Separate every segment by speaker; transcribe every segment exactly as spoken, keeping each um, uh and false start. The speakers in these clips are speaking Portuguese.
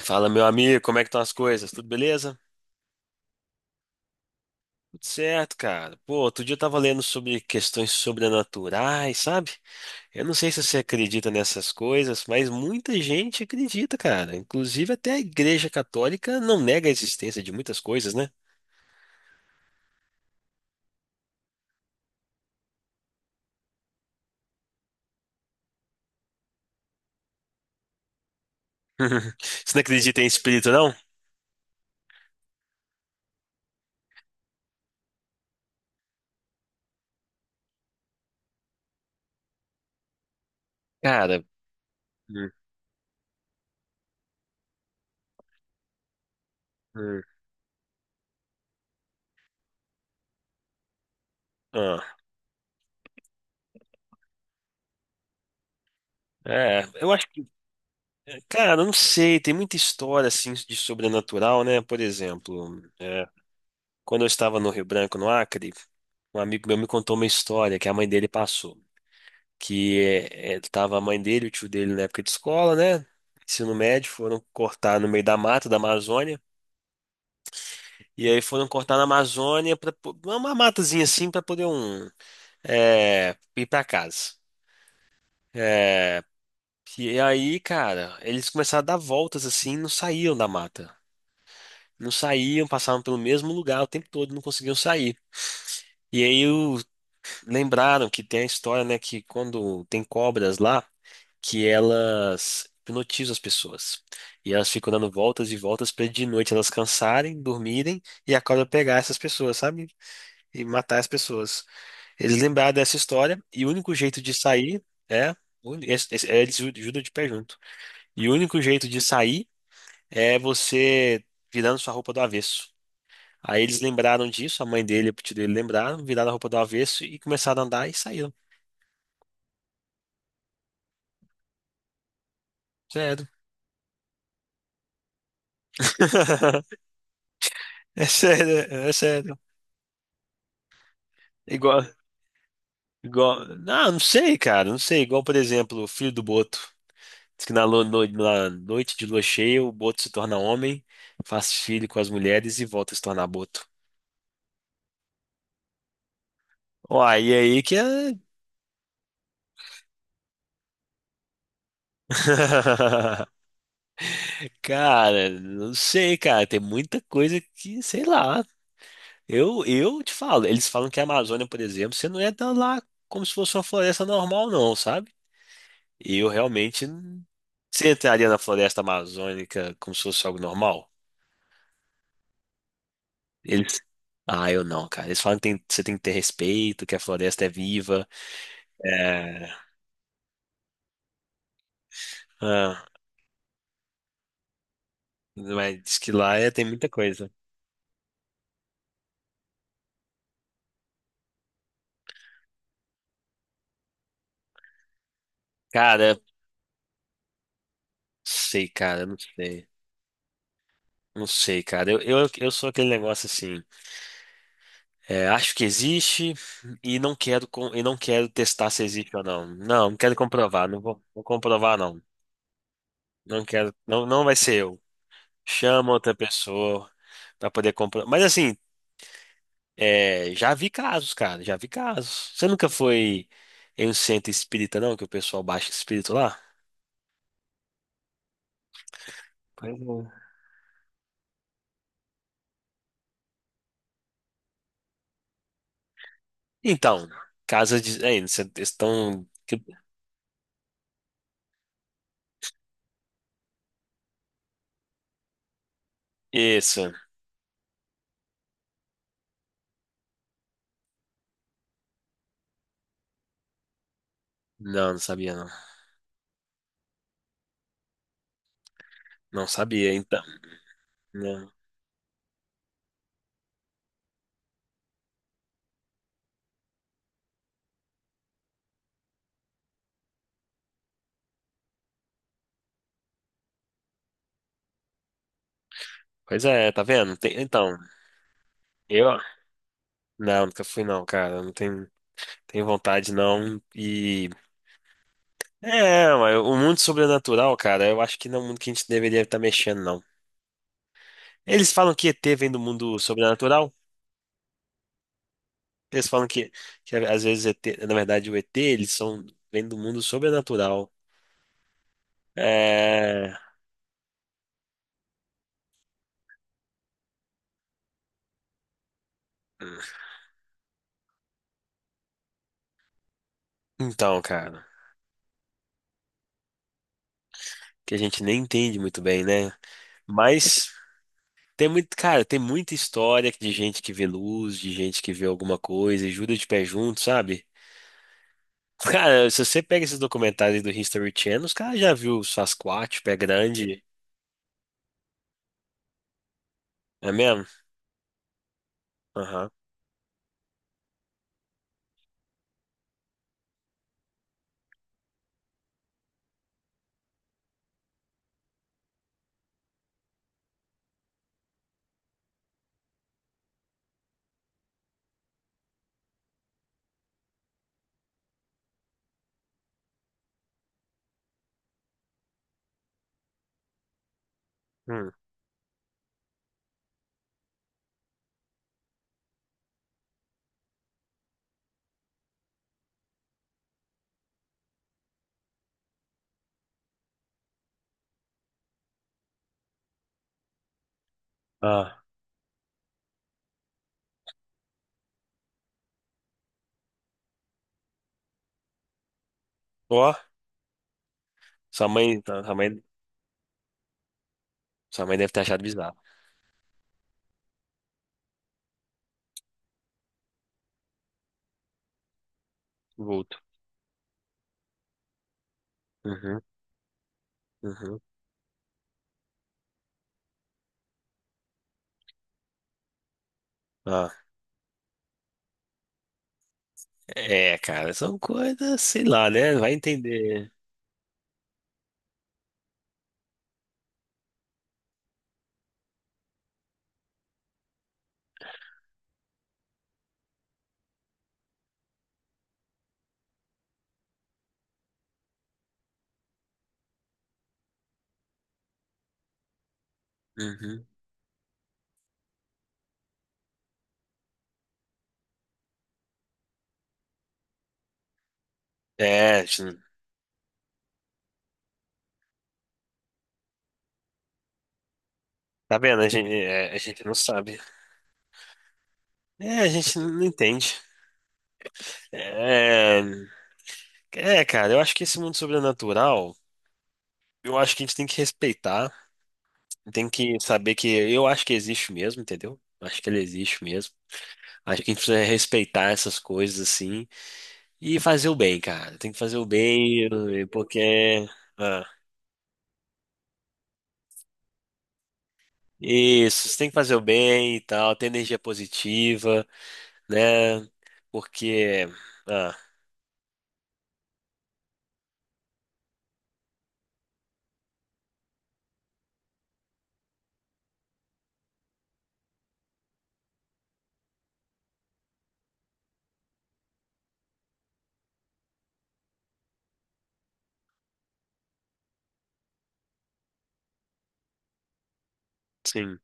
Speaker 1: Fala, meu amigo, como é que estão as coisas? Tudo beleza? Tudo certo, cara. Pô, outro dia eu tava lendo sobre questões sobrenaturais, sabe? Eu não sei se você acredita nessas coisas, mas muita gente acredita, cara. Inclusive até a Igreja Católica não nega a existência de muitas coisas, né? Você não acredita em espírito, não? Cara, hum, hum, ah, é, eu acho que, cara, eu não sei, tem muita história assim de sobrenatural, né? Por exemplo. é, Quando eu estava no Rio Branco, no Acre, um amigo meu me contou uma história que a mãe dele passou. Que é, é, tava a mãe dele, e o tio dele na época de escola, né? Ensino médio, foram cortar no meio da mata da Amazônia. E aí foram cortar na Amazônia, pra, po- uma matazinha assim, para poder um, é, ir para casa. É, e aí, cara, eles começaram a dar voltas assim, não saíam da mata. Não saíam, passavam pelo mesmo lugar o tempo todo, não conseguiam sair. E aí o- lembraram que tem a história, né, que quando tem cobras lá, que elas hipnotizam as pessoas. E elas ficam dando voltas e voltas para de noite elas cansarem, dormirem e a cobra pegar essas pessoas, sabe? E matar as pessoas. Eles lembraram dessa história e o único jeito de sair é. O uni- esse- esse- é, Eles ju- judam de pé junto. E o único jeito de sair é você virando sua roupa do avesso. Aí eles lembraram disso, a mãe dele e o tio dele lembraram, viraram a roupa do avesso e começaram a andar e saíram. Sério. É sério, é é sério. Igual, igual. Ah, não sei, cara, não sei. Igual, por exemplo, o filho do Boto. Diz que na, lua- no- na noite de lua cheia, o Boto se torna homem, faz filho com as mulheres e volta a se tornar Boto. Uai, e aí que é. Cara, não sei, cara. Tem muita coisa que, sei lá. Eu, eu te falo, eles falam que a Amazônia, por exemplo, você não entra lá como se fosse uma floresta normal, não, sabe? E eu realmente. n- Você entraria na floresta amazônica como se fosse algo normal? Eles. Ah, eu não, cara. Eles falam que tem- você tem que ter respeito, que a floresta é viva. É. Ah, mas diz que lá é- tem muita coisa. Cara, sei, cara, não sei. Não sei, cara. Eu, eu, eu sou aquele negócio assim. É, acho que existe e não quero com, e não quero testar se existe ou não. Não, não quero comprovar. Não vou, vou comprovar, não. Não quero. Não, não vai ser eu. Chama outra pessoa pra poder comprar. Mas assim, é, já vi casos, cara, já vi casos. Você nunca foi em um centro espírita, não? Que o pessoal baixa espírito lá? Pois é. Então, casas de. É, eles estão. Que- Isso. Não, não sabia, não. Não sabia, então. Não. Pois é, tá vendo? Tem- Então, eu. Não, nunca fui, não, cara. Não tenho, tenho vontade, não. E. É, mas o mundo sobrenatural, cara, eu acho que não é um mundo que a gente deveria estar mexendo, não. Eles falam que E T vem do mundo sobrenatural. Eles falam que, que às vezes E T, na verdade o E T, eles são vêm do mundo sobrenatural. É... Então, cara, que a gente nem entende muito bem, né? Mas tem muito, cara, tem muita história de gente que vê luz, de gente que vê alguma coisa e jura de pé junto, sabe? Cara, se você pega esses documentários do History Channel, os caras já viu o Sasquatch, pé grande, é mesmo? Aham. Hum. Ah. Ó, sua mãe, sua mãe. Sua mãe deve ter achado bizarro. Vulto. Uhum, uhum. Ah, é, cara, são coisas, sei lá, né? Vai entender. Uhum. É, a gente não- tá vendo? A gente, é, a gente não sabe. É, a gente não entende. É, é, cara, eu acho que esse mundo sobrenatural, eu acho que a gente tem que respeitar, tem que saber que eu acho que existe mesmo, entendeu? Acho que ele existe mesmo. Acho que a gente precisa respeitar essas coisas assim e fazer o bem, cara. Tem que fazer o bem, eh, porque. Ah, isso, você tem que fazer o bem e tal, ter energia positiva, né? Porque, ah, sim,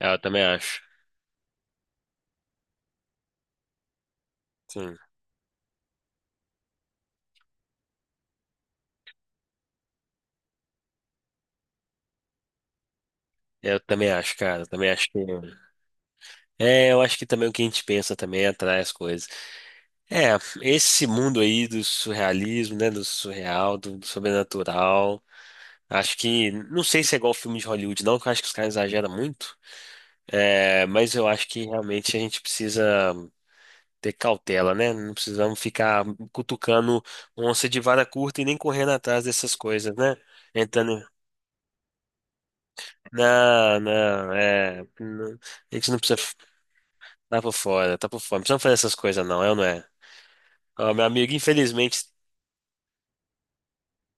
Speaker 1: eu também acho. Sim, eu também acho, cara, eu também acho que. É, eu acho que também o que a gente pensa também atrai as coisas. É, esse mundo aí do surrealismo, né, do surreal, do sobrenatural, acho que, não sei se é igual filme de Hollywood, não, que eu acho que os caras exageram muito, é, mas eu acho que realmente a gente precisa ter cautela, né? Não precisamos ficar cutucando onça de vara curta e nem correndo atrás dessas coisas, né? Entrando. Não, não, é. Não, a gente não precisa. Tá por fora, tá por fora. Não precisamos fazer essas coisas, não, é ou não é? Ó, meu amigo, infelizmente,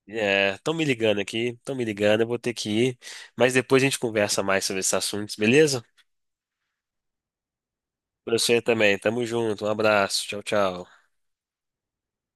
Speaker 1: estão me ligando aqui, estão me ligando, eu vou ter que ir. Mas depois a gente conversa mais sobre esses assuntos, beleza? Pra você também, tamo junto, um abraço, tchau, tchau.